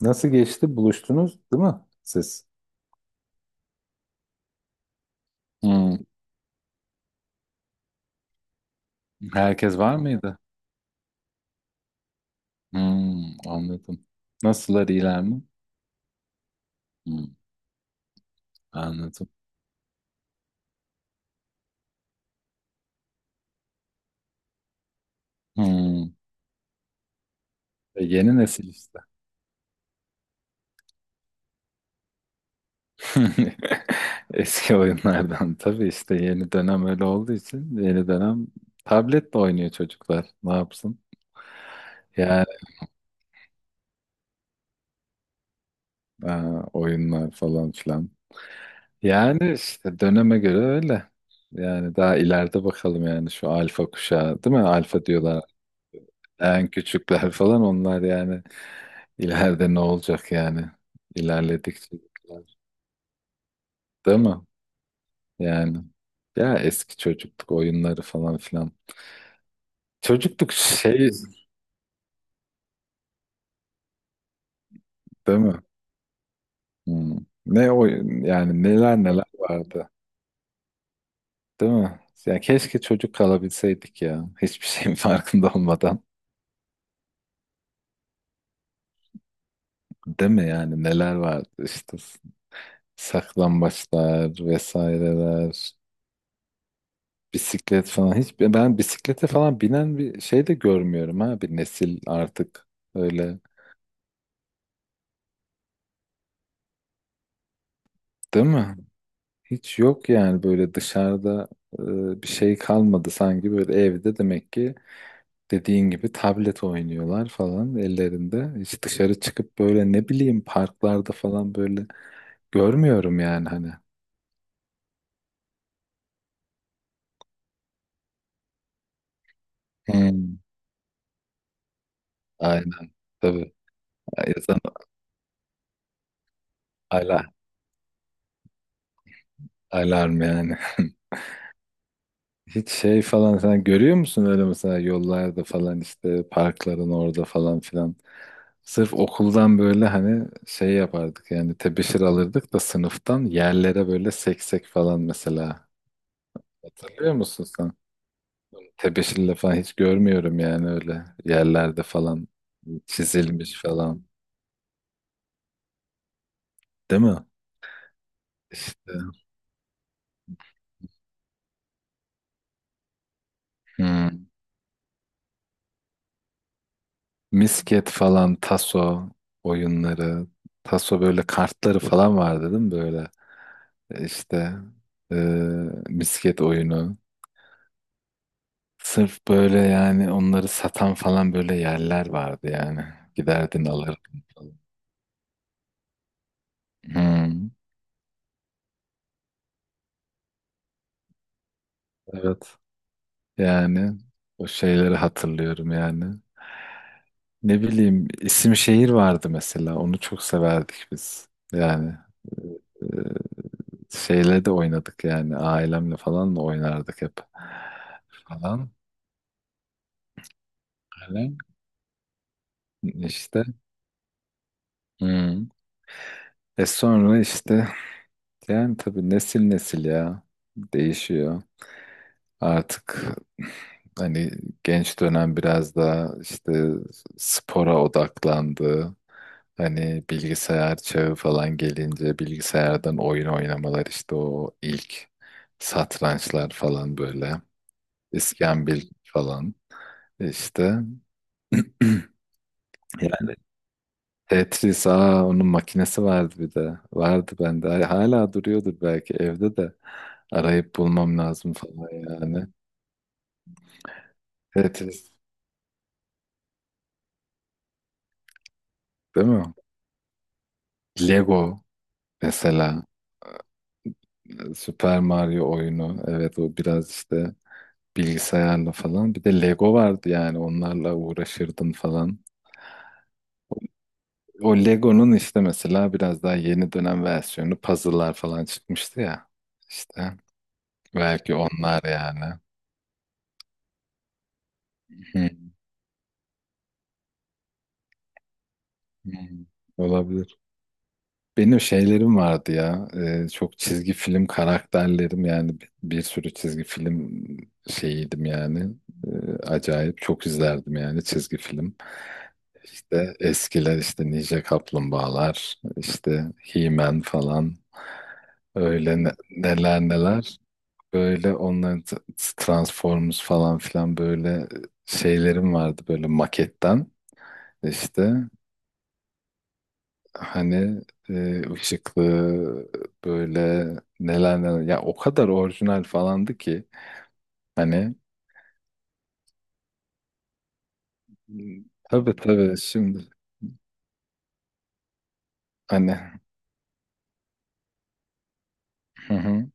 Nasıl geçti? Buluştunuz, değil mi siz? Hmm. Herkes var mıydı? Hmm, anladım. Nasıllar iyiler mi? Hmm, anladım. Hmm. E, yeni nesil işte. Eski oyunlardan tabii işte yeni dönem öyle olduğu için yeni dönem tabletle oynuyor çocuklar. Ne yapsın? Yani e, oyunlar falan filan. Yani işte döneme göre öyle. Yani daha ileride bakalım yani şu alfa kuşağı değil mi? Alfa diyorlar. En küçükler falan onlar yani ileride ne olacak yani ilerledikçe, değil mi? Yani ya eski çocukluk oyunları falan filan. Çocukluk şey, değil mi? Hmm. Ne oyun yani, neler neler vardı, değil mi? Ya keşke çocuk kalabilseydik ya, hiçbir şeyin farkında olmadan. Değil mi? Yani neler vardı işte, saklambaçlar vesaireler. Bisiklet falan hiç, ben bisiklete falan binen bir şey de görmüyorum, ha, bir nesil artık öyle, değil mi? Hiç yok yani böyle dışarıda, bir şey kalmadı sanki, böyle evde demek ki, dediğin gibi tablet oynuyorlar falan ellerinde. Hiç dışarı çıkıp böyle ne bileyim parklarda falan böyle görmüyorum yani, hani. Hmm. Aynen tabii. Yazan, ala alarm yani. Hiç şey falan sen görüyor musun öyle, mesela yollarda falan işte, parkların orada falan filan. Sırf okuldan böyle hani şey yapardık yani, tebeşir alırdık da sınıftan, yerlere böyle seksek falan mesela. Hatırlıyor musun sen? Tebeşirle falan hiç görmüyorum yani, öyle yerlerde falan çizilmiş falan. Değil mi? İşte. Hmm. Misket falan, taso oyunları, taso, böyle kartları falan vardı değil mi böyle? İşte e, misket oyunu. Sırf böyle yani, onları satan falan böyle yerler vardı yani. Giderdin alırdın falan. Hmm, evet. Yani o şeyleri hatırlıyorum yani. Ne bileyim, isim şehir vardı mesela. Onu çok severdik biz. Yani e, şeyle de oynadık yani. Ailemle falan da oynardık hep. Falan. Öyle. İşte. Hmm. E sonra işte. Yani tabii nesil nesil ya, değişiyor. Artık hani genç dönem biraz daha işte spora odaklandı. Hani bilgisayar çağı falan gelince bilgisayardan oyun oynamalar, işte o ilk satrançlar falan böyle. İskambil falan işte. Yani Tetris, aa, onun makinesi vardı bir de. Vardı bende. Hala duruyordur belki evde de. Arayıp bulmam lazım falan yani. Tetris, değil mi? Lego mesela. Super Mario oyunu. Evet, o biraz işte bilgisayarla falan. Bir de Lego vardı yani, onlarla uğraşırdın falan. O Lego'nun işte mesela biraz daha yeni dönem versiyonu, puzzle'lar falan çıkmıştı ya. İşte belki onlar yani. Hı, hı. Olabilir. Benim şeylerim vardı ya. Çok çizgi film karakterlerim yani, bir sürü çizgi film şeyiydim yani. Acayip çok izlerdim yani çizgi film. İşte eskiler işte Ninja Kaplumbağalar, işte He-Man falan. Öyle neler neler. Böyle onların Transformers falan filan, böyle şeylerim vardı böyle maketten işte. Hani ışıklı böyle, neler neler ya, o kadar orijinal falandı ki hani. Hmm. Tabii tabii, şimdi hani, hı hı,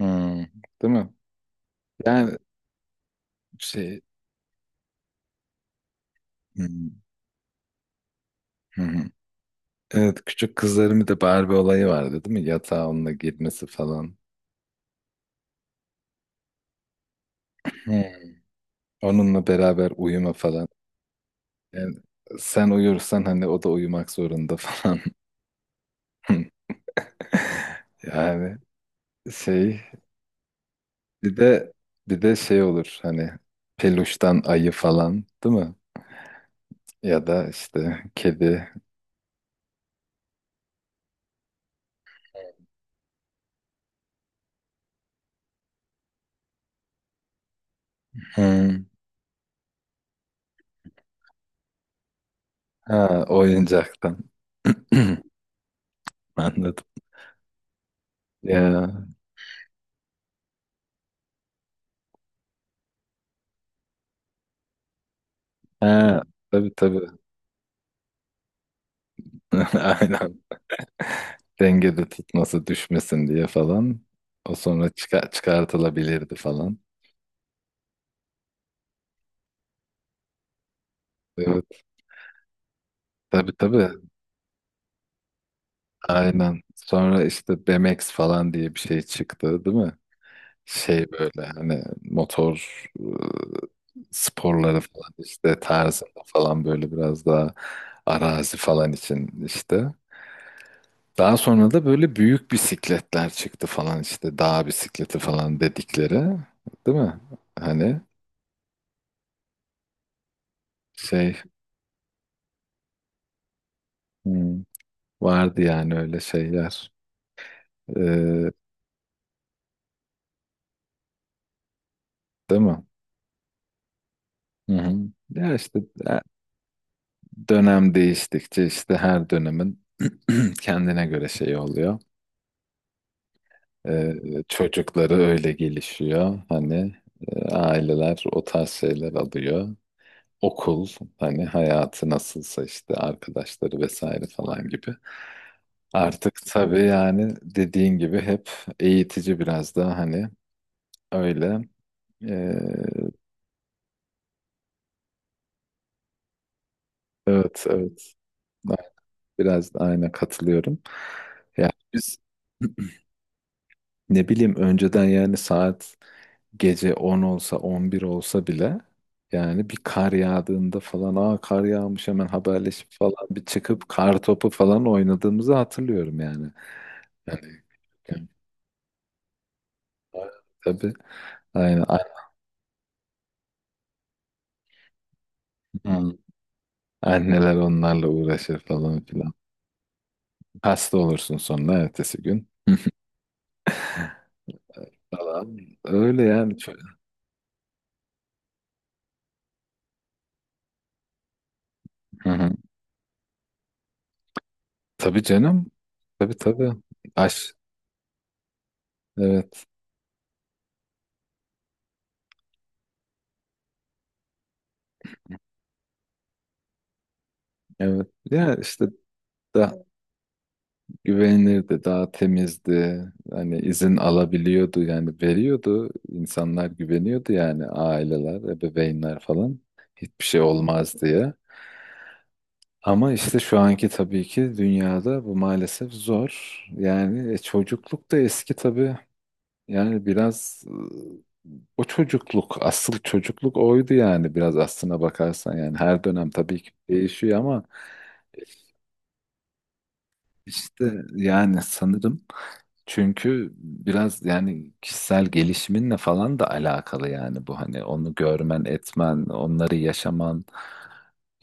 hı, değil mi? Yani şey, hı, hı, hı. Evet, küçük kızlarımın da Barbie olayı vardı, değil mi? Yatağa onunla girmesi falan. Hı. Onunla beraber uyuma falan. Yani sen uyursan hani, o da uyumak zorunda falan. Yani şey, Bir de bir de şey olur hani, peluştan ayı, falan değil mi? Ya da işte kedi. Hmm. Ha, oyuncaktan. Anladım. Ya. Ha, tabii tabii. Aynen. Dengede tutması, düşmesin diye falan. O sonra çıkartılabilirdi falan. Evet. Tabii tabii. Aynen. Sonra işte BMX falan diye bir şey çıktı, değil mi? Şey böyle hani motor sporları falan işte, tarzında falan, böyle biraz daha arazi falan için işte. Daha sonra da böyle büyük bisikletler çıktı falan, işte dağ bisikleti falan dedikleri, değil mi? Hani şey hmm, vardı yani öyle şeyler. Ee, değil mi? Hı hı. Ya işte e, dönem değiştikçe işte, her dönemin kendine göre şey oluyor. Ee, çocukları öyle gelişiyor. Hani aileler o tarz şeyler alıyor. Okul hani, hayatı nasılsa işte, arkadaşları vesaire falan gibi. Artık tabii yani, dediğin gibi hep eğitici biraz daha, hani öyle. Ee, evet evet, biraz da aynı katılıyorum. Ya biz ne bileyim, önceden yani saat gece 10 olsa, 11 olsa bile, yani bir kar yağdığında falan, aa, kar yağmış, hemen haberleşip falan bir çıkıp kar topu falan oynadığımızı hatırlıyorum yani. Yani, yani, tabii, aynen, an- anneler onlarla uğraşır falan filan. Hasta olursun sonra ertesi gün. Hı. Falan. Öyle yani. Hı hı. Tabii canım. Tabii tabii. Aş. Evet. Evet. Ya işte daha güvenilirdi, daha temizdi. Hani izin alabiliyordu yani, veriyordu. İnsanlar güveniyordu yani, aileler, ebeveynler falan. Hiçbir şey olmaz diye. Ama işte şu anki tabii ki dünyada bu maalesef zor. Yani çocukluk da eski tabii. Yani biraz e, o çocukluk, asıl çocukluk oydu yani, biraz aslına bakarsan. Yani her dönem tabii ki değişiyor, ama işte yani sanırım. Çünkü biraz yani kişisel gelişiminle falan da alakalı yani bu, hani onu görmen, etmen, onları yaşaman,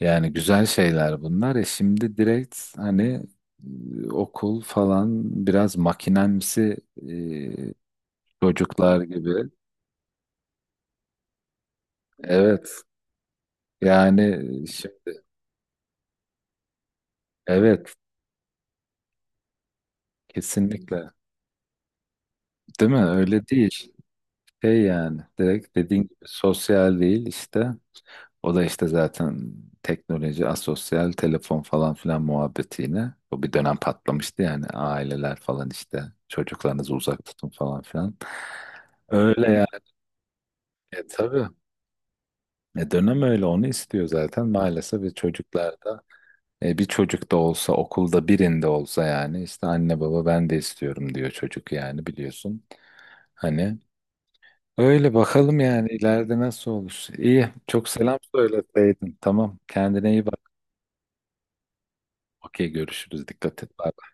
yani güzel şeyler bunlar. E şimdi direkt hani okul falan biraz makinemsi, e, çocuklar gibi. Evet yani, şi- evet, kesinlikle, değil mi? Öyle değil. Şey yani direkt, dediğin gibi sosyal değil işte. O da işte zaten teknoloji, asosyal, telefon falan filan muhabbeti yine. O bir dönem patlamıştı yani, aileler falan işte, çocuklarınızı uzak tutun falan filan. Öyle yani tabii. E, dönem öyle onu istiyor zaten maalesef, ve çocuklarda bir çocuk da olsa, okulda birinde olsa yani, işte anne baba, ben de istiyorum diyor çocuk yani, biliyorsun. Hani, öyle bakalım yani ileride nasıl olur. İyi. Çok selam söyleseydin. Tamam. Kendine iyi bak. Okey, görüşürüz. Dikkat et. Bye.